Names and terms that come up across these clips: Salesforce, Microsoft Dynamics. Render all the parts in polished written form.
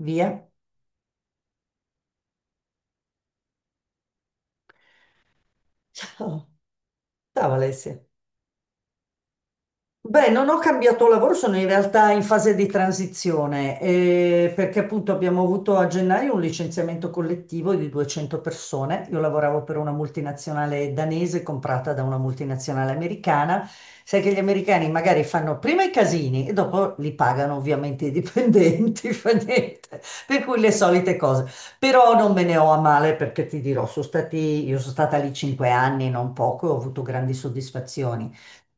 Via. Ciao, ciao Alessia. Beh, non ho cambiato lavoro, sono in realtà in fase di transizione, perché appunto abbiamo avuto a gennaio un licenziamento collettivo di 200 persone. Io lavoravo per una multinazionale danese comprata da una multinazionale americana. Sai che gli americani magari fanno prima i casini e dopo li pagano ovviamente i dipendenti, fa niente. Per cui le solite cose. Però non me ne ho a male perché ti dirò, sono stati, io sono stata lì cinque anni, non poco, e ho avuto grandi soddisfazioni.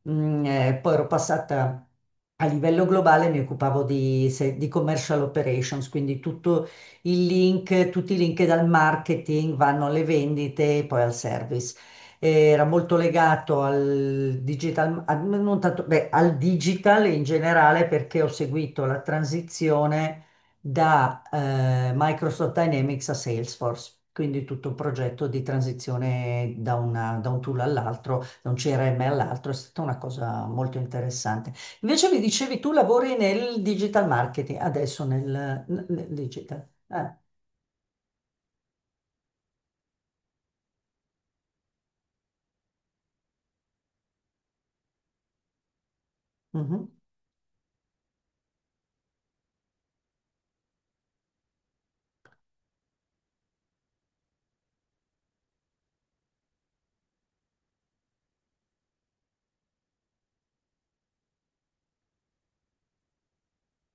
Poi ero passata a livello globale, mi occupavo di, di commercial operations, quindi tutto il link, tutti i link dal marketing vanno alle vendite e poi al service. Era molto legato al digital, a- non tanto- beh, al digital in generale perché ho seguito la transizione da Microsoft Dynamics a Salesforce, quindi tutto un progetto di transizione da un tool all'altro, da un CRM all'altro, è stata una cosa molto interessante. Invece mi dicevi tu lavori nel digital marketing, adesso nel digital. Ah, mhm.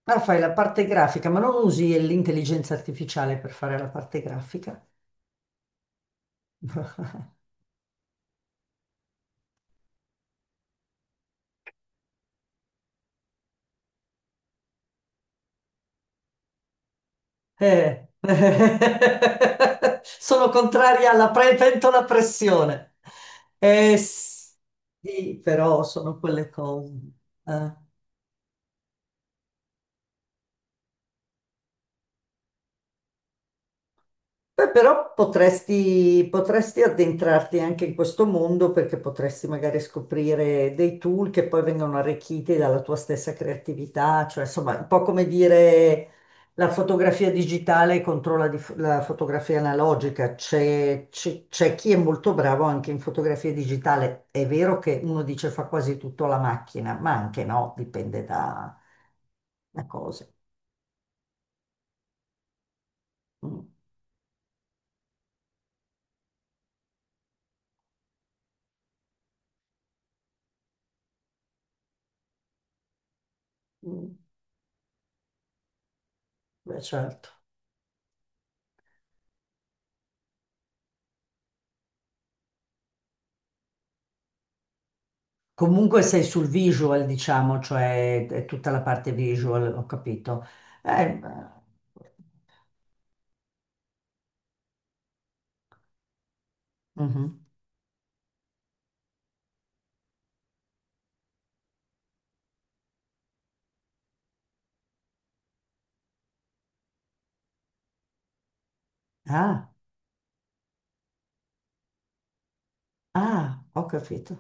Ah, fai la parte grafica, ma non usi l'intelligenza artificiale per fare la parte grafica? Eh. Sono contraria alla pentola a pressione. Sì, però sono quelle cose. Eh. Beh, però potresti, potresti addentrarti anche in questo mondo perché potresti magari scoprire dei tool che poi vengono arricchiti dalla tua stessa creatività, cioè insomma, un po' come dire la fotografia digitale contro la fotografia analogica. C'è chi è molto bravo anche in fotografia digitale. È vero che uno dice fa quasi tutto la macchina, ma anche no, da cose. Mm, mm, beh, certo. Comunque sei sul visual, diciamo, cioè è tutta la parte visual, ho capito. Eh, mhm. Ah, ho capito.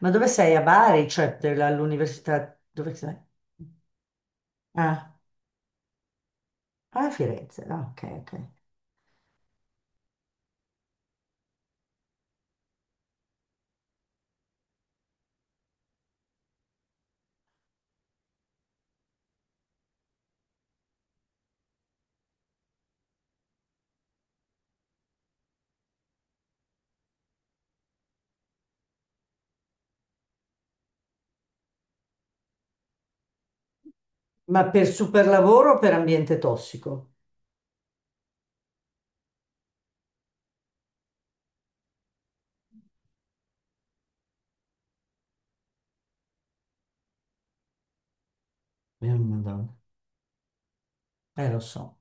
Ma dove sei? A Bari, cioè all'università? Dove sei? Ah, a Firenze. Ah, ok, ok. Ma per super lavoro o per ambiente tossico? Madonna. Lo so.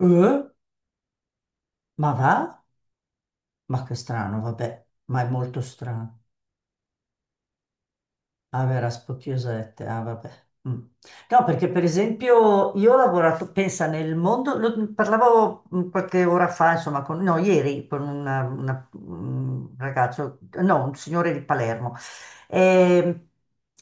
Eh? Ma va? Ma che strano, vabbè, ma è molto strano. Ah, beh, era un po' chiusette, ah, vabbè. Mm. No, perché per esempio io ho lavorato, pensa, nel mondo, parlavo qualche ora fa, insomma, con, no, ieri, con un ragazzo, no, un signore di Palermo. Ehm,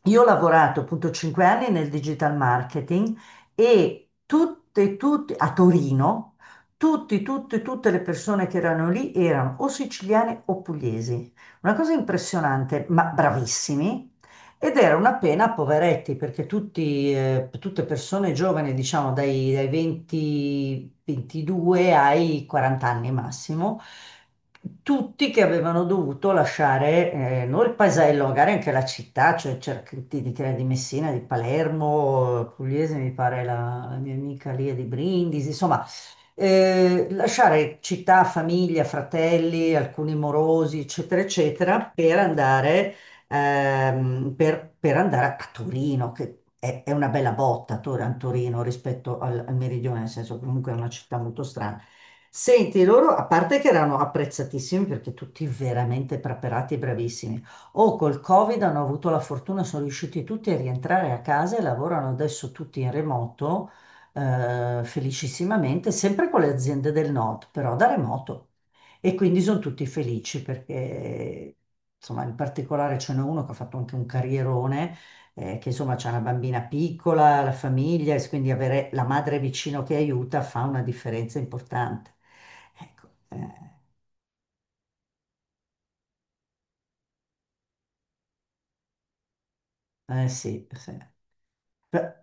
io ho lavorato appunto cinque anni nel digital marketing e tutte, a Torino, tutte le persone che erano lì erano o siciliane o pugliesi. Una cosa impressionante, ma bravissimi. Ed era una pena a poveretti, perché tutti, tutte persone giovani, diciamo dai 20, 22 ai 40 anni massimo, tutti che avevano dovuto lasciare, non il paesello, magari anche la città, cioè certi di Messina, di Palermo, Pugliese mi pare la mia amica lì è di Brindisi, insomma, lasciare città, famiglia, fratelli, alcuni morosi, eccetera, eccetera, per andare per andare a Torino, è una bella botta a Torino rispetto al meridione, nel senso che comunque è una città molto strana. Senti, loro, a parte che erano apprezzatissimi perché tutti veramente preparati e bravissimi, o col Covid hanno avuto la fortuna, sono riusciti tutti a rientrare a casa e lavorano adesso tutti in remoto, felicissimamente, sempre con le aziende del nord, però da remoto. E quindi sono tutti felici perché, insomma, in particolare ce n'è uno che ha fatto anche un carrierone, che insomma c'ha una bambina piccola, la famiglia, e quindi avere la madre vicino che aiuta fa una differenza importante. Ecco, eh sì, sì. Però,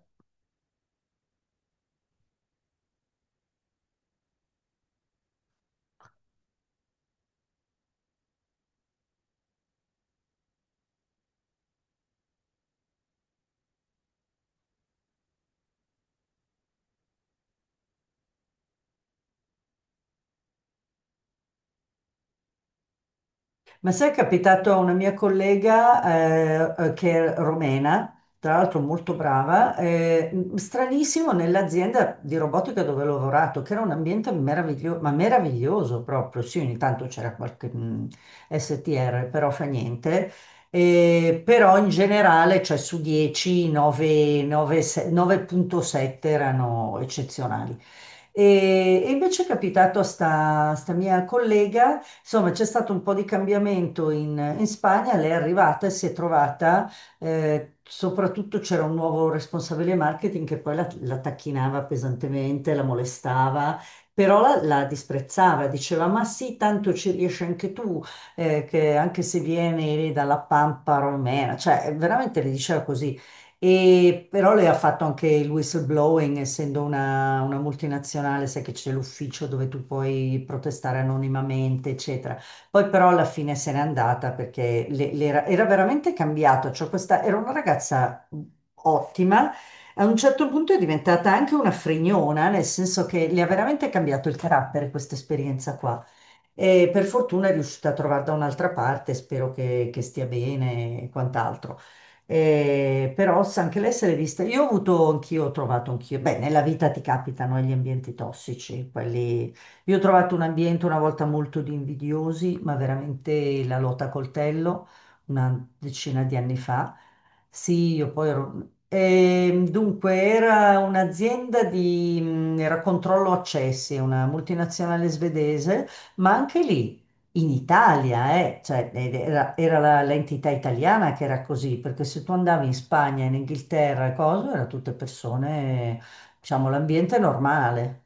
ma sai, è capitato a una mia collega che è romena, tra l'altro molto brava, stranissimo nell'azienda di robotica dove ho lavorato, che era un ambiente meraviglioso, ma meraviglioso proprio. Sì, ogni tanto c'era qualche STR, però fa niente. Però in generale, cioè su 10, 9, 9, se- 9.7 erano eccezionali. E invece è capitato a sta mia collega. Insomma, c'è stato un po' di cambiamento in Spagna, lei è arrivata e si è trovata, soprattutto c'era un nuovo responsabile marketing che poi la tacchinava pesantemente, la molestava, però la disprezzava, diceva, ma sì, tanto ci riesci anche tu, che anche se vieni dalla Pampa romena, cioè veramente le diceva così. E però lei ha fatto anche il whistleblowing, essendo una multinazionale, sai che c'è l'ufficio dove tu puoi protestare anonimamente, eccetera. Poi però alla fine se n'è andata perché era veramente cambiata, cioè questa era una ragazza ottima, a un certo punto è diventata anche una frignona, nel senso che le ha veramente cambiato il carattere questa esperienza qua. E per fortuna è riuscita a trovare da un'altra parte, spero che stia bene e quant'altro. Però anche lei se l'è vista. Io ho avuto anch'io, ho trovato anch'io. Beh, nella vita ti capitano gli ambienti tossici, quelli. Io ho trovato un ambiente una volta molto di invidiosi, ma veramente la lotta a coltello, una decina di anni fa. Sì, io poi ero. Dunque, era un'azienda di, era controllo accessi, una multinazionale svedese, ma anche lì in Italia, cioè, era l'entità italiana che era così, perché se tu andavi in Spagna, in Inghilterra e cose, erano tutte persone, diciamo, l'ambiente normale.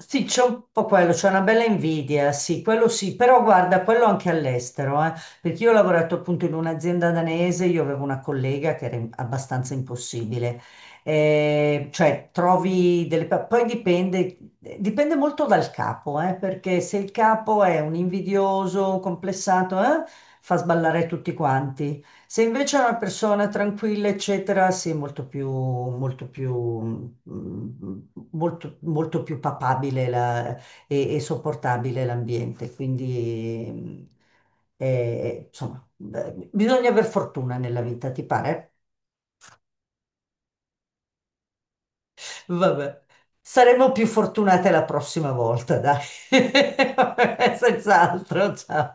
Sì, c'è un po' quello, c'è una bella invidia, sì, quello sì, però guarda, quello anche all'estero, perché io ho lavorato appunto in un'azienda danese, io avevo una collega che era abbastanza impossibile, cioè trovi delle... poi dipende, dipende molto dal capo, perché se il capo è un invidioso, un complessato, fa sballare tutti quanti, se invece è una persona tranquilla, eccetera, sì, molto più, mm, molto più papabile e sopportabile l'ambiente. Quindi, insomma, beh, bisogna aver fortuna nella vita, ti pare? Vabbè, saremo più fortunate la prossima volta, dai. Senz'altro, ciao.